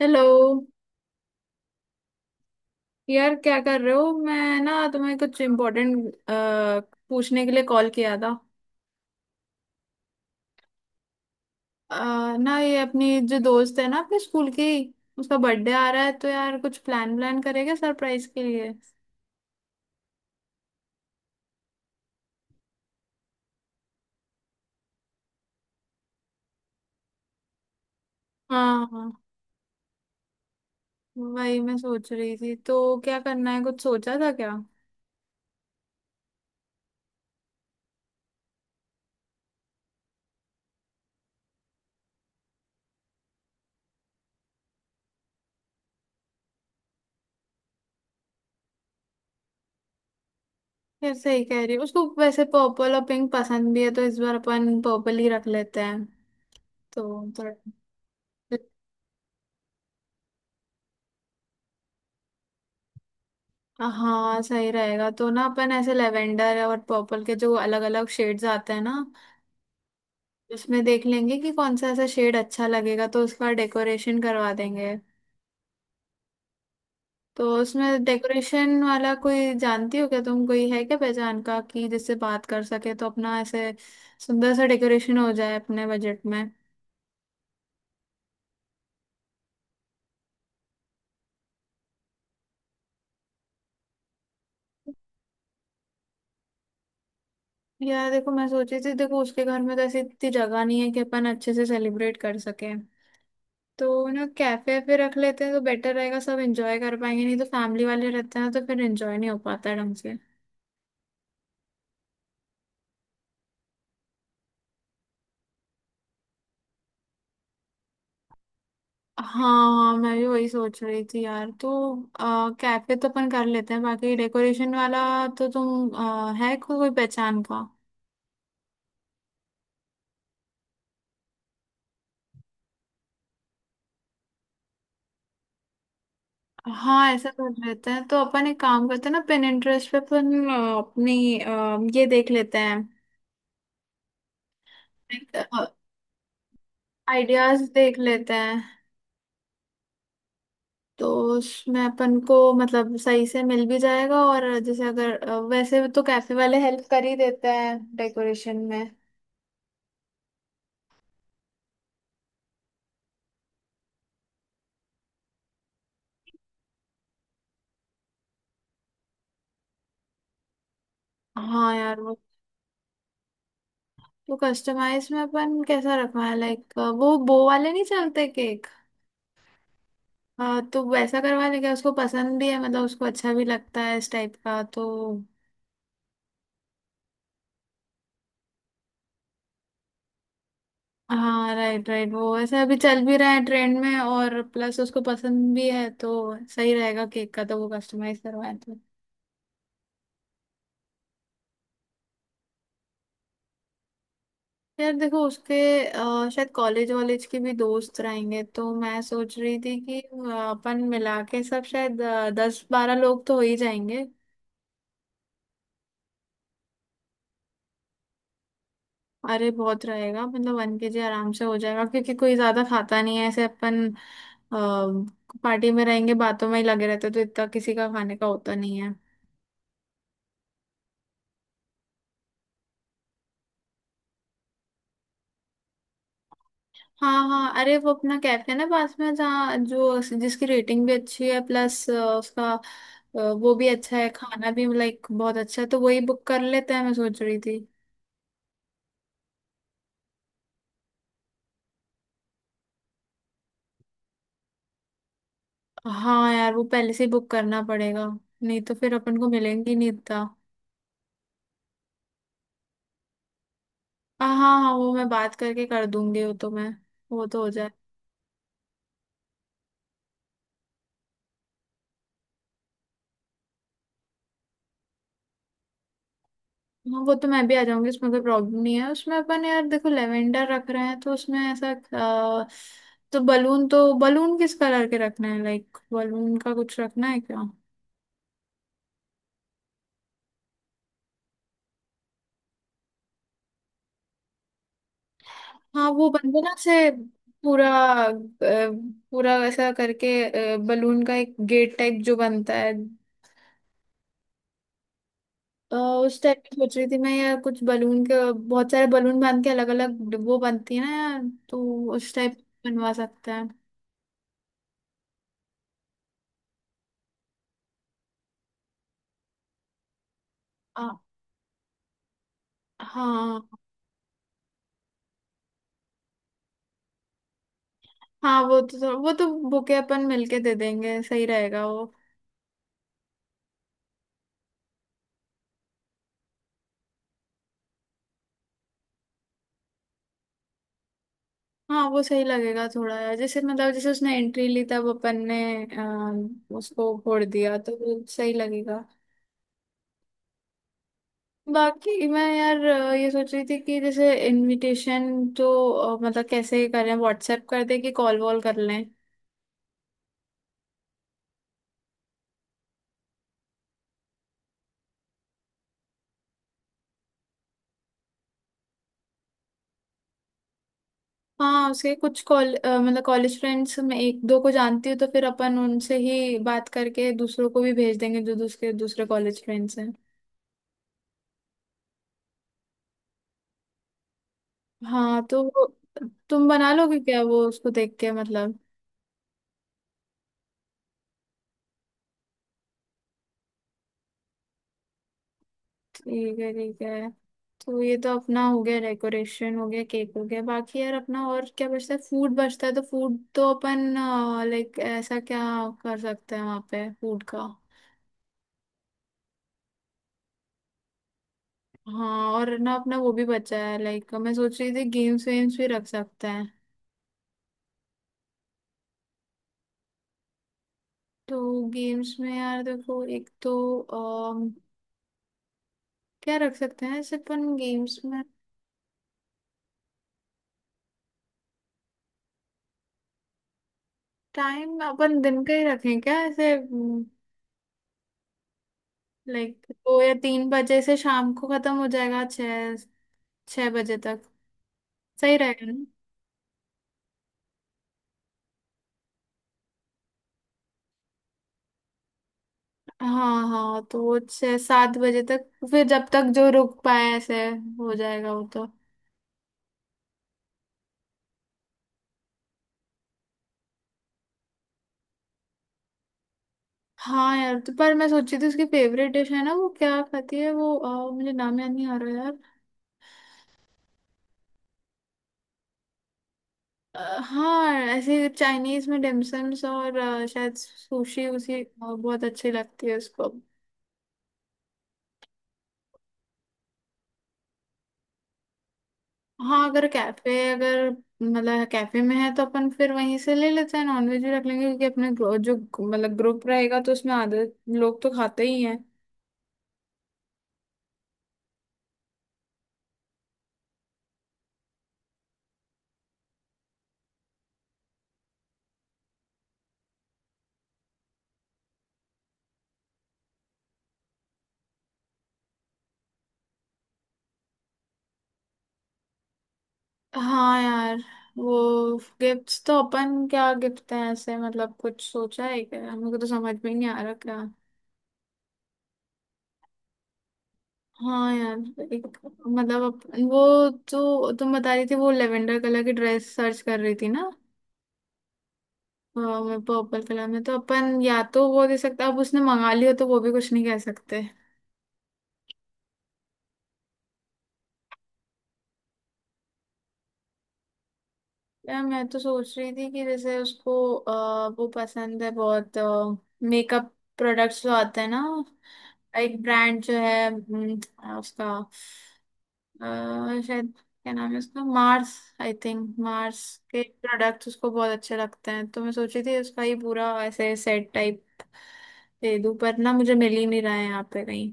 Hello. यार, क्या कर रहे हो? मैं ना तुम्हें कुछ इम्पोर्टेंट पूछने के लिए कॉल किया था। ना ये अपनी जो दोस्त है ना, अपने स्कूल की, उसका बर्थडे आ रहा है तो यार कुछ प्लान प्लान करेगा सरप्राइज के लिए। हाँ हाँ, वही मैं सोच रही थी। तो क्या करना है, कुछ सोचा था क्या? यार सही कह रही हूँ, उसको वैसे पर्पल और पिंक पसंद भी है तो इस बार अपन पर्पल ही रख लेते हैं तो थोड़ा। हाँ सही रहेगा। तो ना अपन ऐसे लेवेंडर और पर्पल के जो अलग अलग शेड्स आते हैं ना, उसमें देख लेंगे कि कौन सा ऐसा शेड अच्छा लगेगा तो उसका डेकोरेशन करवा देंगे। तो उसमें डेकोरेशन वाला कोई जानती हो क्या तुम? कोई है क्या पहचान का कि जिससे बात कर सके तो अपना ऐसे सुंदर सा डेकोरेशन हो जाए अपने बजट में। यार देखो, मैं सोची थी, देखो उसके घर में तो ऐसी इतनी जगह नहीं है कि अपन अच्छे से सेलिब्रेट कर सके। तो ना कैफे पे रख लेते हैं तो बेटर रहेगा, सब एंजॉय कर पाएंगे। नहीं तो फैमिली वाले रहते हैं ना तो फिर एंजॉय नहीं हो पाता है ढंग से। हाँ मैं भी वही सोच रही थी यार। तो कैफे तो अपन कर लेते हैं, बाकी डेकोरेशन वाला तो तुम, है कोई पहचान का? हाँ ऐसा कर लेते हैं। तो अपन एक काम करते हैं ना, पिन इंटरेस्ट पे अपन अपनी ये देख लेते हैं, आइडियाज देख लेते हैं। तो उसमें अपन को मतलब सही से मिल भी जाएगा, और जैसे अगर वैसे तो कैफे वाले हेल्प कर ही देते हैं डेकोरेशन में। हाँ यार वो। तो कस्टमाइज में अपन कैसा रखवाएं? लाइक वो बो वाले नहीं चलते केक। हाँ तो वैसा करवा लेंगे, उसको पसंद भी है, मतलब उसको अच्छा भी लगता है इस टाइप का तो। हाँ राइट राइट, वो ऐसे अभी चल भी रहा है ट्रेंड में और प्लस उसको पसंद भी है तो सही रहेगा। केक का तो वो कस्टमाइज करवाएं तो। यार देखो उसके शायद कॉलेज वॉलेज के भी दोस्त रहेंगे तो मैं सोच रही थी कि अपन मिला के सब शायद 10-12 लोग तो हो ही जाएंगे। अरे बहुत रहेगा, मतलब 1 KG आराम से हो जाएगा, क्योंकि कोई ज्यादा खाता नहीं है ऐसे। अपन पार्टी में रहेंगे, बातों में ही लगे रहते तो इतना किसी का खाने का होता नहीं है। हाँ हाँ, अरे वो अपना कैफे है ना पास में, जहाँ जो, जिसकी रेटिंग भी अच्छी है, प्लस उसका वो भी अच्छा है, खाना भी लाइक बहुत अच्छा है, तो वही बुक कर लेते हैं मैं सोच रही थी। हाँ यार, वो पहले से ही बुक करना पड़ेगा, नहीं तो फिर अपन को मिलेंगी नहीं इतना। हाँ हाँ हाँ, वो मैं बात करके कर दूंगी वो तो, मैं वो तो हो जाए। हाँ, वो तो मैं भी आ जाऊंगी उसमें, कोई प्रॉब्लम नहीं है उसमें। अपन यार देखो, लेवेंडर रख रहे हैं तो उसमें ऐसा तो बलून किस कलर के रखना है? लाइक बलून का कुछ रखना है क्या? हाँ वो बंदे ना से पूरा, अ, पूरा ऐसा करके बलून का एक गेट टाइप जो बनता है, उस टाइप की सोच रही थी मैं यार, कुछ बलून के बहुत सारे बलून बांध के अलग अलग वो बनती है ना यार, तो उस टाइप बनवा सकते हैं। अ, हाँ हाँ वो तो वो तो बुके अपन मिलके दे देंगे, सही रहेगा वो। हाँ वो सही लगेगा थोड़ा, जैसे मतलब जैसे उसने एंट्री ली तब अपन ने उसको फोड़ दिया तो वो सही लगेगा। बाकी मैं यार ये सोच रही थी कि जैसे इनविटेशन तो मतलब कैसे करें? व्हाट्सएप कर दें कि कॉल वॉल कर लें? हाँ उसके कुछ कॉल मतलब कॉलेज फ्रेंड्स में एक दो को जानती हूँ तो फिर अपन उनसे ही बात करके दूसरों को भी भेज देंगे जो दूसरे दूसरे कॉलेज फ्रेंड्स हैं। हाँ तो तुम बना लोगे क्या वो? उसको देख के मतलब। ठीक है ठीक है। तो ये तो अपना हो गया, डेकोरेशन हो गया, केक हो गया। बाकी यार अपना और क्या बचता है? फूड बचता है। तो फूड तो अपन लाइक ऐसा क्या कर सकते हैं वहाँ पे फूड का? हाँ और ना अपना वो भी बचा है, लाइक मैं सोच रही थी गेम्स वेम्स भी रख सकते हैं। तो गेम्स में यार देखो एक तो अम, क्या रख सकते हैं ऐसे अपन गेम्स में? टाइम अपन दिन का ही रखें क्या ऐसे? लाइक 2 या 3 बजे से, शाम को खत्म हो जाएगा छः छः बजे तक। सही रहेगा ना? हाँ हाँ, तो वो 6-7 बजे तक फिर जब तक जो रुक पाए ऐसे हो जाएगा वो तो। हाँ यार, तो पर मैं सोची थी उसकी फेवरेट डिश है ना, वो क्या खाती है वो मुझे नाम याद नहीं आ रहा यार। हाँ ऐसे चाइनीज में डिमसम्स और शायद सुशी, उसी बहुत अच्छी लगती है उसको। हाँ अगर कैफे अगर मतलब कैफे में है तो अपन फिर वहीं से ले लेते हैं, नॉनवेज भी रख लेंगे, क्योंकि अपने जो मतलब ग्रुप रहेगा तो उसमें आधे लोग तो खाते ही हैं। हाँ यार वो गिफ्ट्स तो, अपन क्या गिफ्ट है ऐसे मतलब, कुछ सोचा है क्या? हमको तो समझ में ही नहीं आ रहा क्या। हाँ यार एक, मतलब अपन वो जो तुम बता रही थी वो लेवेंडर कलर की ड्रेस सर्च कर रही थी ना, पर्पल कलर में तो अपन या तो वो दे सकते। अब उसने मंगा लिया तो वो भी कुछ नहीं कह सकते। यार मैं तो सोच रही थी कि जैसे उसको वो पसंद है बहुत, मेकअप प्रोडक्ट्स जो आते हैं ना, एक ब्रांड जो है उसका शायद, क्या नाम है उसका, मार्स, आई थिंक मार्स के प्रोडक्ट्स उसको बहुत अच्छे लगते हैं तो मैं सोच रही थी उसका ही पूरा ऐसे सेट टाइप दे दूं, पर ना मुझे मिल ही नहीं रहा है यहाँ पे कहीं।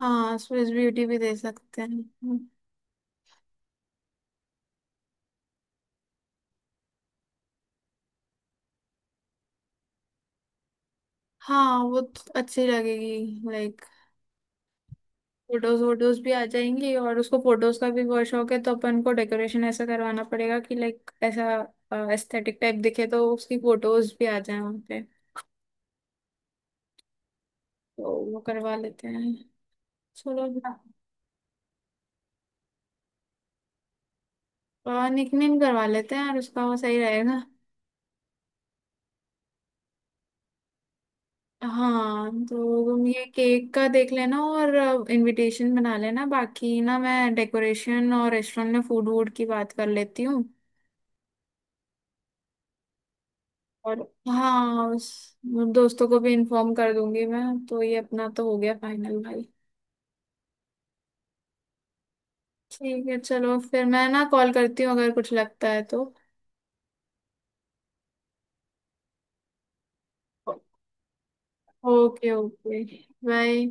हाँ स्विस ब्यूटी भी दे सकते हैं। हाँ वो तो अच्छी लगेगी लाइक, फोटोज वोटोज भी आ जाएंगी, और उसको फोटोज का भी बहुत शौक है तो अपन को डेकोरेशन ऐसा करवाना पड़ेगा कि लाइक ऐसा एस्थेटिक टाइप दिखे तो उसकी फोटोज भी आ जाए वहाँ पे। तो वो करवा लेते हैं चलो। निकनेम करवा लेते हैं और उसका वो सही रहेगा। हाँ तो तुम ये केक का देख लेना और इनविटेशन बना लेना, बाकी ना मैं डेकोरेशन और रेस्टोरेंट में फूड वूड की बात कर लेती हूँ। और हाँ, उस दोस्तों को भी इन्फॉर्म कर दूंगी मैं तो, ये अपना तो हो गया फाइनल भाई। ठीक है चलो, फिर मैं ना कॉल करती हूँ अगर कुछ लगता है तो। Okay okay. बाय।